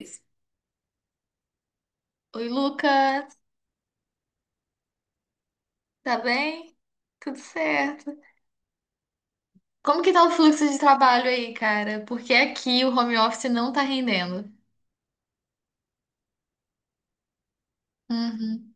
Oi, Lucas, tá bem? Tudo certo. Como que tá o fluxo de trabalho aí, cara? Porque aqui o home office não tá rendendo. Uhum.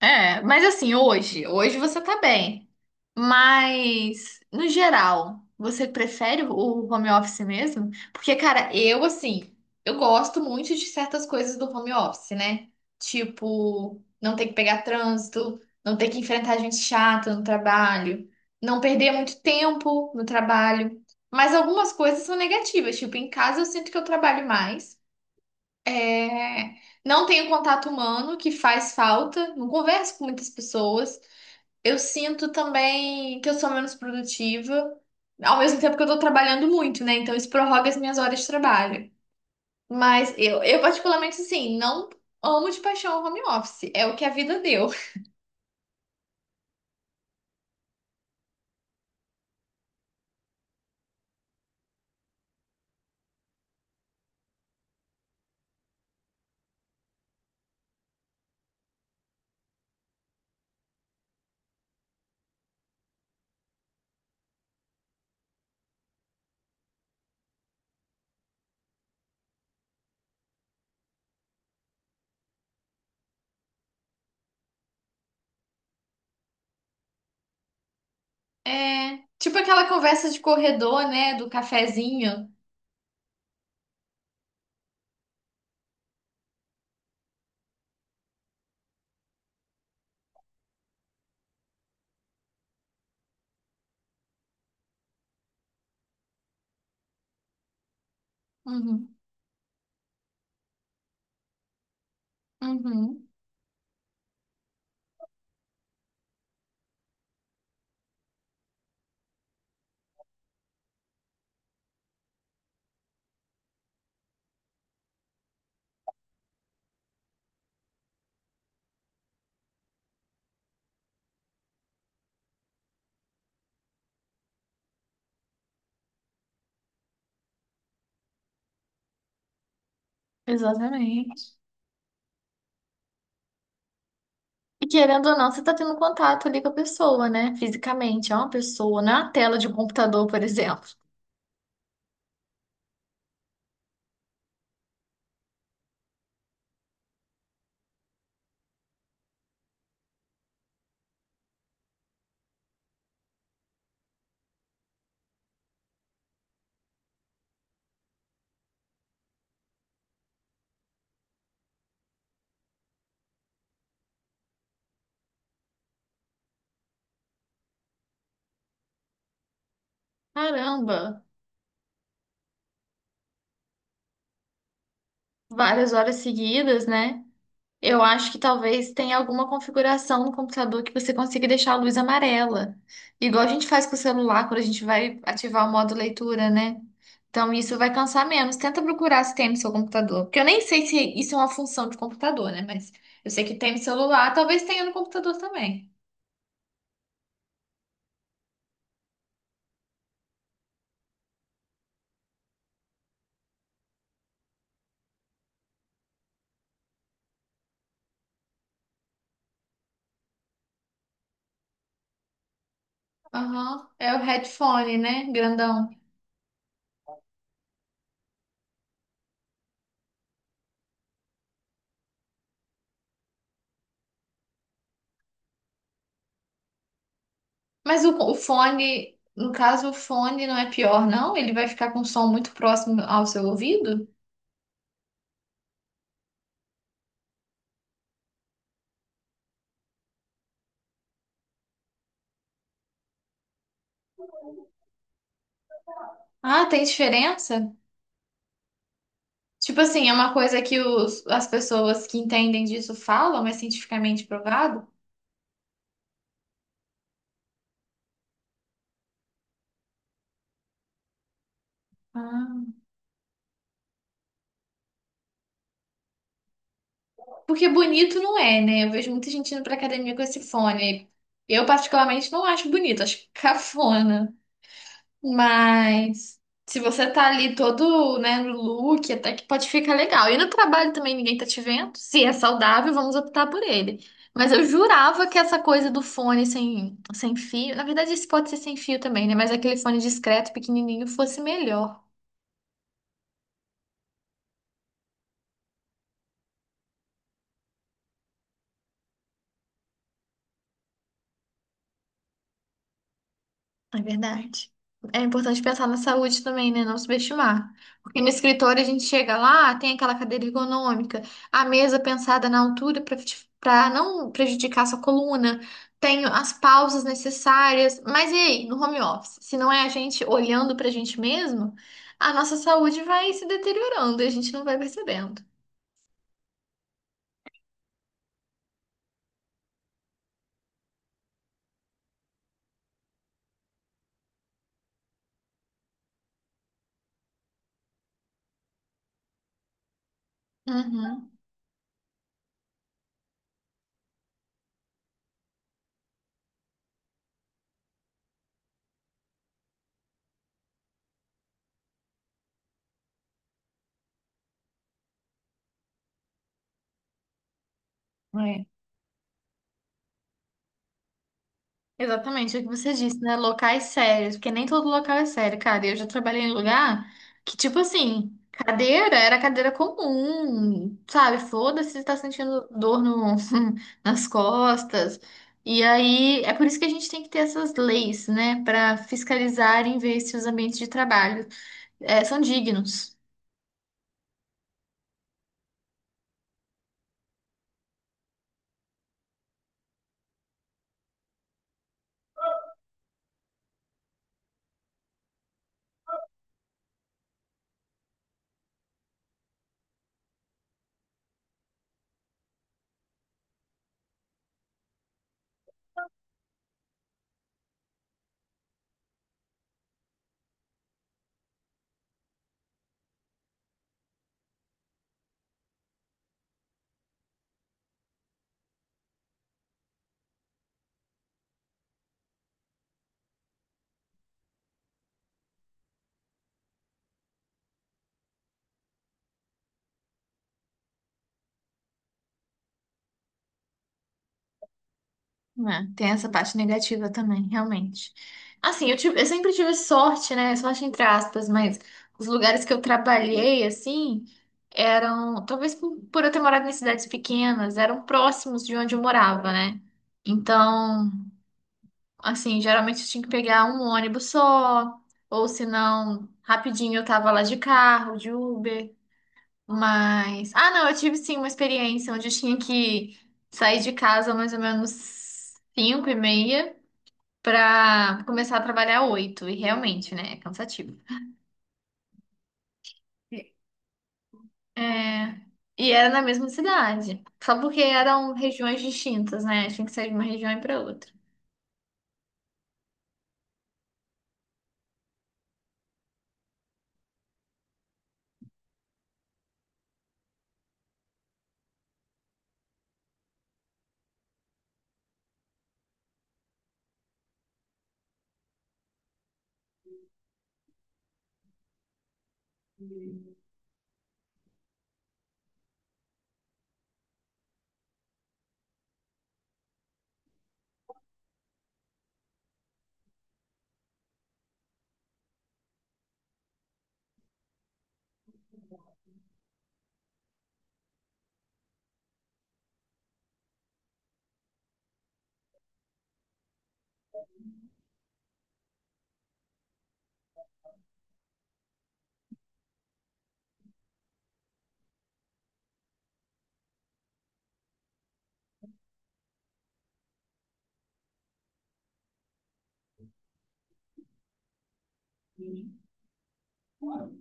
É, mas assim, hoje você tá bem. Mas, no geral, você prefere o home office mesmo? Porque, cara, eu, assim, eu gosto muito de certas coisas do home office, né? Tipo, não ter que pegar trânsito, não ter que enfrentar gente chata no trabalho, não perder muito tempo no trabalho. Mas algumas coisas são negativas. Tipo, em casa eu sinto que eu trabalho mais. É, não tenho contato humano, que faz falta, não converso com muitas pessoas. Eu sinto também que eu sou menos produtiva, ao mesmo tempo que eu tô trabalhando muito, né? Então isso prorroga as minhas horas de trabalho. Mas eu particularmente, assim, não amo de paixão o home office, é o que a vida deu. É, tipo aquela conversa de corredor, né? Do cafezinho. Uhum, uhum, exatamente. E querendo ou não, você tá tendo contato ali com a pessoa, né? Fisicamente, é uma pessoa, não é uma tela de um computador, por exemplo. Caramba, várias horas seguidas, né? Eu acho que talvez tenha alguma configuração no computador que você consiga deixar a luz amarela. Igual a gente faz com o celular quando a gente vai ativar o modo leitura, né? Então isso vai cansar menos. Tenta procurar se tem no seu computador. Porque eu nem sei se isso é uma função de computador, né? Mas eu sei que tem no celular, talvez tenha no computador também. Aham. É o headphone, né? Grandão. Mas o fone, no caso, o fone não é pior, não? Ele vai ficar com um som muito próximo ao seu ouvido? Ah, tem diferença? Tipo assim, é uma coisa que as pessoas que entendem disso falam, é cientificamente provado? Ah. Porque bonito não é, né? Eu vejo muita gente indo pra academia com esse fone. Eu, particularmente, não acho bonito, acho cafona. Mas se você tá ali todo, né, no look, até que pode ficar legal. E no trabalho também ninguém tá te vendo. Se é saudável, vamos optar por ele. Mas eu jurava que essa coisa do fone sem fio, na verdade esse pode ser sem fio também, né? Mas aquele fone discreto, pequenininho, fosse melhor. É verdade. É importante pensar na saúde também, né? Não subestimar. Porque no escritório a gente chega lá, tem aquela cadeira ergonômica, a mesa pensada na altura para não prejudicar sua coluna, tem as pausas necessárias. Mas e aí, no home office? Se não é a gente olhando para a gente mesmo, a nossa saúde vai se deteriorando e a gente não vai percebendo. Uhum. É. Exatamente, é o que você disse, né? Locais sérios, porque nem todo local é sério, cara. Eu já trabalhei em lugar que, tipo assim, cadeira era cadeira comum, sabe? Foda-se se tá sentindo dor no, nas costas. E aí, é por isso que a gente tem que ter essas leis, né? Pra fiscalizar e ver se os ambientes de trabalho eh, são dignos. É, tem essa parte negativa também, realmente. Assim, eu sempre tive sorte, né? Sorte entre aspas, mas os lugares que eu trabalhei, assim, eram, talvez por eu ter morado em cidades pequenas, eram próximos de onde eu morava, né? Então, assim, geralmente eu tinha que pegar um ônibus só, ou se não, rapidinho eu tava lá de carro, de Uber. Mas, ah, não, eu tive sim uma experiência onde eu tinha que sair de casa mais ou menos 5:30 pra começar a trabalhar 8h. E realmente, né? É cansativo. É, e era na mesma cidade. Só porque eram regiões distintas, né? Tinha que sair de uma região e pra outra.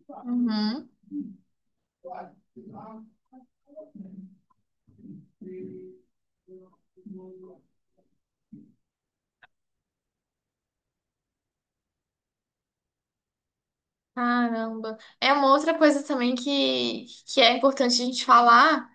Uhum. Caramba. É uma outra coisa também que é importante a gente falar.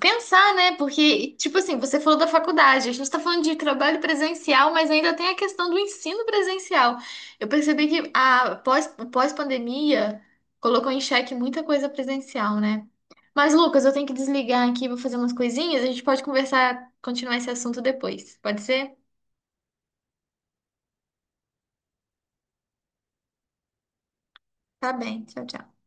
Pensar, né? Porque, tipo assim, você falou da faculdade, a gente tá falando de trabalho presencial, mas ainda tem a questão do ensino presencial. Eu percebi que a pós-pandemia colocou em xeque muita coisa presencial, né? Mas, Lucas, eu tenho que desligar aqui, vou fazer umas coisinhas, a gente pode conversar, continuar esse assunto depois. Pode ser? Tá bem, tchau, tchau.